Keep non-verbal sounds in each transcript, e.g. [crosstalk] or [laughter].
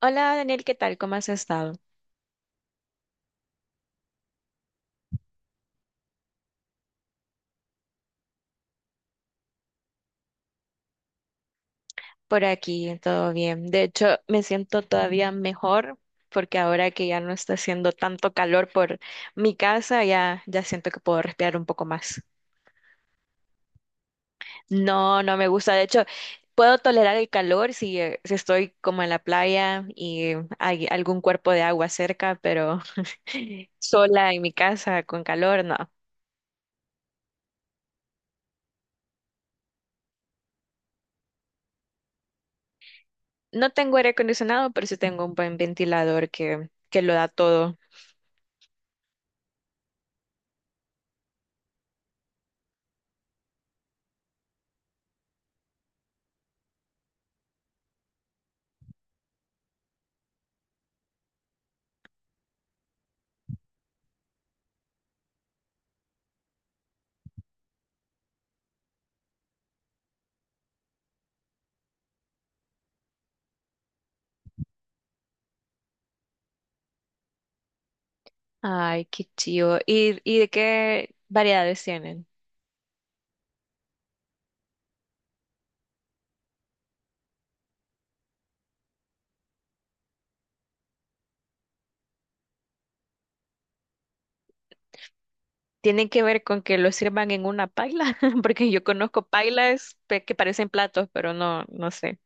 Hola Daniel, ¿qué tal? ¿Cómo has estado? Por aquí, todo bien. De hecho, me siento todavía mejor porque ahora que ya no está haciendo tanto calor por mi casa, ya siento que puedo respirar un poco más. No, no me gusta. De hecho, puedo tolerar el calor si, si estoy como en la playa y hay algún cuerpo de agua cerca, pero [laughs] sola en mi casa con calor, no. No tengo aire acondicionado, pero sí tengo un buen ventilador que lo da todo. Ay, qué chido. Y de qué variedades tienen? ¿Tienen que ver con que lo sirvan en una paila? [laughs] Porque yo conozco que parecen platos, pero no, no sé.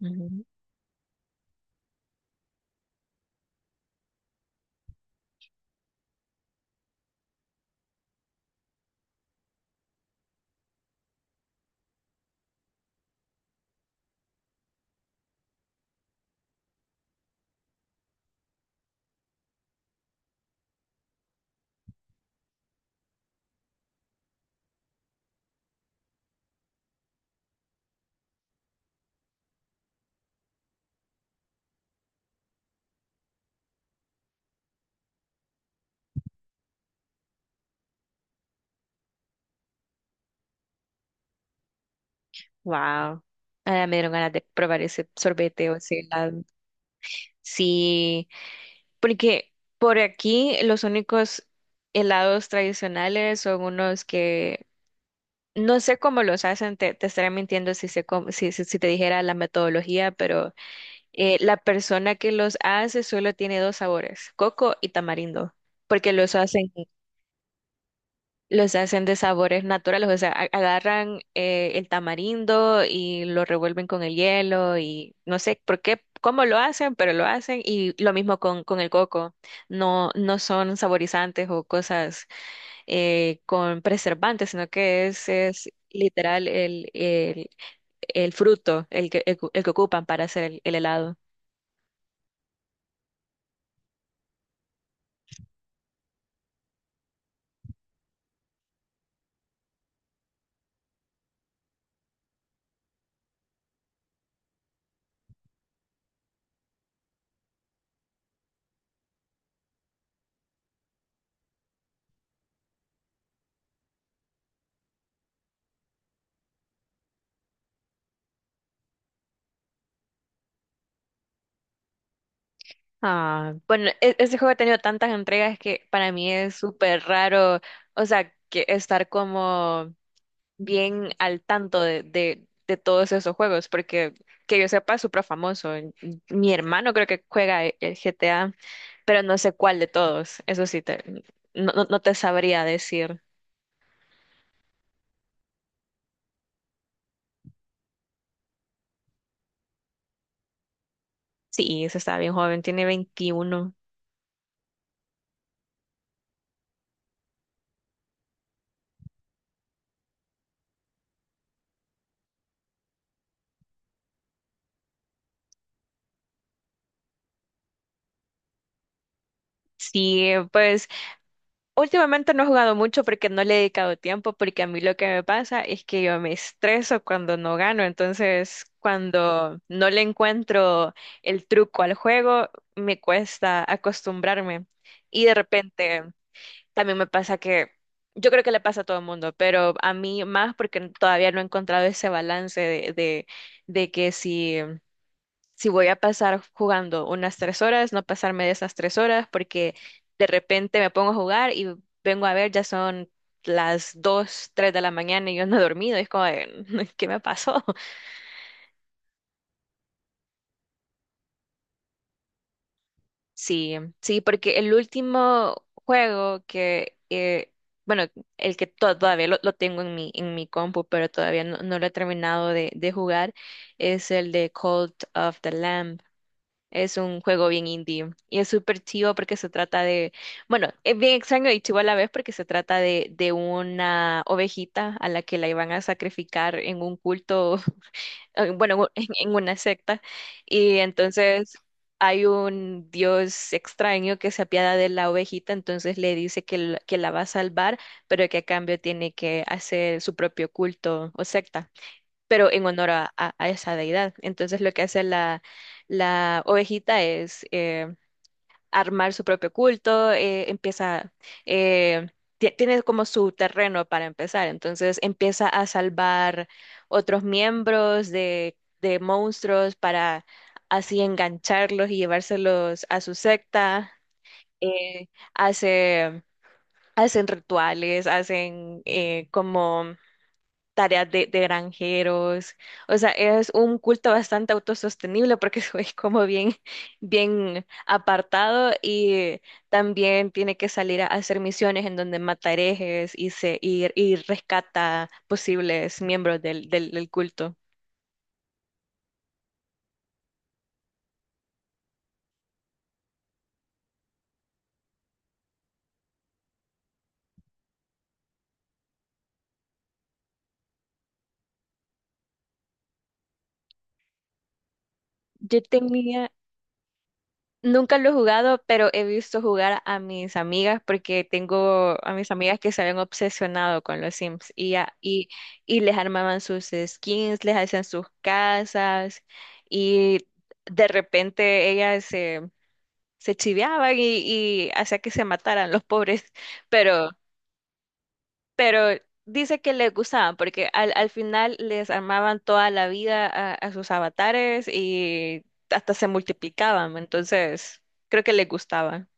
Ujú. Wow. Ah, me dieron ganas de probar ese sorbete o ese helado. Sí, porque por aquí los únicos helados tradicionales son unos que no sé cómo los hacen, te estaría mintiendo si, sé cómo- si, si si te dijera la metodología, pero la persona que los hace solo tiene dos sabores, coco y tamarindo, porque los hacen de sabores naturales, o sea, agarran el tamarindo y lo revuelven con el hielo y no sé por qué, cómo lo hacen, pero lo hacen y lo mismo con el coco. No, no son saborizantes o cosas con preservantes, sino que es literal el fruto el que ocupan para hacer el helado. Ah, bueno, ese juego ha tenido tantas entregas que para mí es súper raro, o sea, que estar como bien al tanto de todos esos juegos, porque que yo sepa es súper famoso. Mi hermano creo que juega el GTA, pero no sé cuál de todos, eso sí, no, no te sabría decir. Sí, se está bien joven, tiene 21. Sí, pues últimamente no he jugado mucho porque no le he dedicado tiempo, porque a mí lo que me pasa es que yo me estreso cuando no gano, entonces cuando no le encuentro el truco al juego, me cuesta acostumbrarme. Y de repente también me pasa que, yo creo que le pasa a todo el mundo, pero a mí más porque todavía no he encontrado ese balance de que si voy a pasar jugando unas 3 horas, no pasarme de esas 3 horas, porque de repente me pongo a jugar y vengo a ver, ya son las dos, tres de la mañana y yo no he dormido. Es como, de, [laughs] ¿qué me pasó? [laughs] Sí, sí, porque el último juego que, bueno, el que todavía lo tengo en mi compu, pero todavía no, no lo he terminado de jugar, es el de Cult of the Lamb. Es un juego bien indie y es súper chivo porque se trata de, bueno, es bien extraño y chivo a la vez porque se trata de una ovejita a la que la iban a sacrificar en un culto, [laughs] bueno, en una secta. Y entonces hay un dios extraño que se apiada de la ovejita, entonces le dice que, que la va a salvar, pero que a cambio tiene que hacer su propio culto o secta pero en honor a, a esa deidad. Entonces lo que hace la ovejita es armar su propio culto, eh, tiene como su terreno para empezar, entonces empieza a salvar otros miembros de monstruos para así engancharlos y llevárselos a su secta. Eh, hace, hacen rituales, hacen como tareas de granjeros. O sea, es un culto bastante autosostenible porque [laughs] es como bien, bien apartado y también tiene que salir a hacer misiones en donde mata herejes y rescata posibles miembros del culto. Yo tenía, nunca lo he jugado, pero he visto jugar a mis amigas porque tengo a mis amigas que se habían obsesionado con los Sims y les armaban sus skins, les hacían sus casas y de repente se chiveaban y hacía que se mataran los pobres, [laughs] pero, pero dice que les gustaban porque al final les armaban toda la vida a sus avatares y hasta se multiplicaban, entonces creo que les gustaba.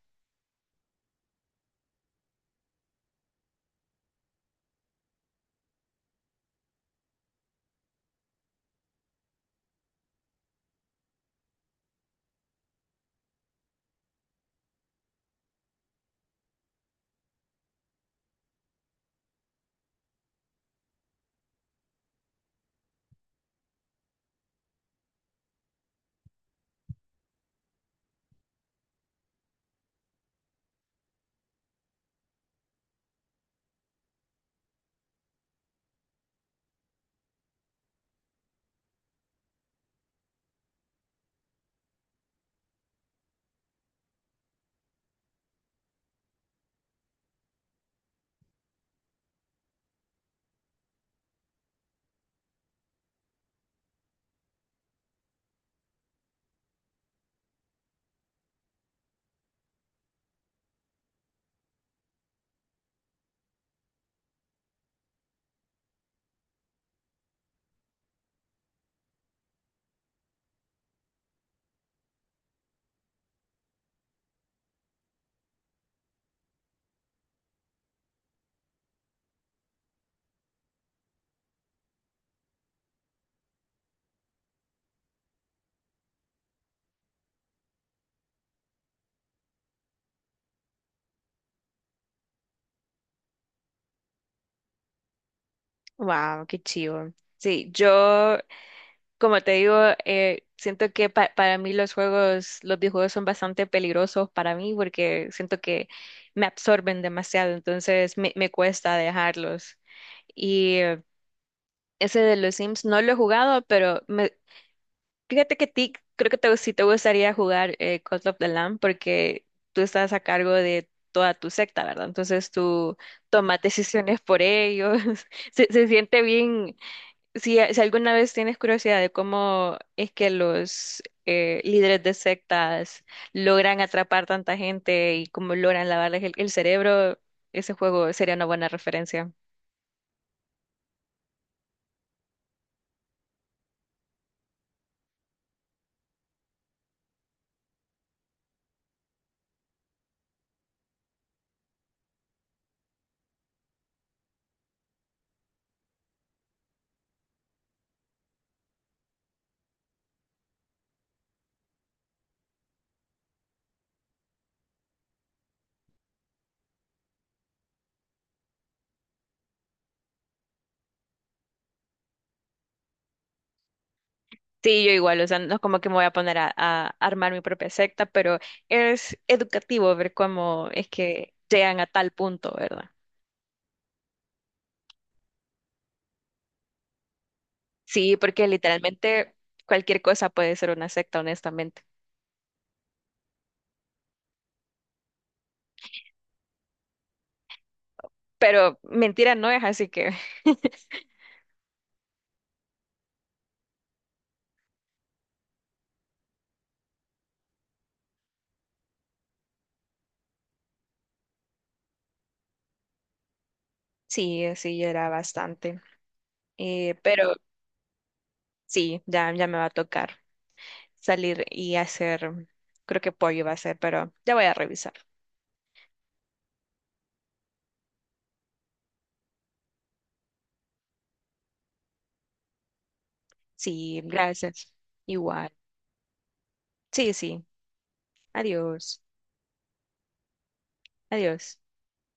Wow, qué chivo. Sí, yo, como te digo, siento que para mí los juegos, los videojuegos son bastante peligrosos para mí porque siento que me absorben demasiado, entonces me cuesta dejarlos. Y ese de los Sims no lo he jugado, pero me, fíjate que ti, creo que te, sí te gustaría jugar Cult of the Lamb porque tú estás a cargo de toda tu secta, ¿verdad? Entonces tú tomas decisiones por ellos. [laughs] Se siente bien si, si alguna vez tienes curiosidad de cómo es que los líderes de sectas logran atrapar tanta gente y cómo logran lavarles el cerebro, ese juego sería una buena referencia. Sí, yo igual, o sea, no es como que me voy a poner a armar mi propia secta, pero es educativo ver cómo es que llegan a tal punto, ¿verdad? Sí, porque literalmente cualquier cosa puede ser una secta, honestamente. Pero mentira no es, así que [laughs] sí, sí, era bastante. Pero sí, ya me va a tocar salir y hacer, creo que pollo va a ser, pero ya voy a revisar. Sí, gracias. Igual. Sí, sí. Adiós. Adiós.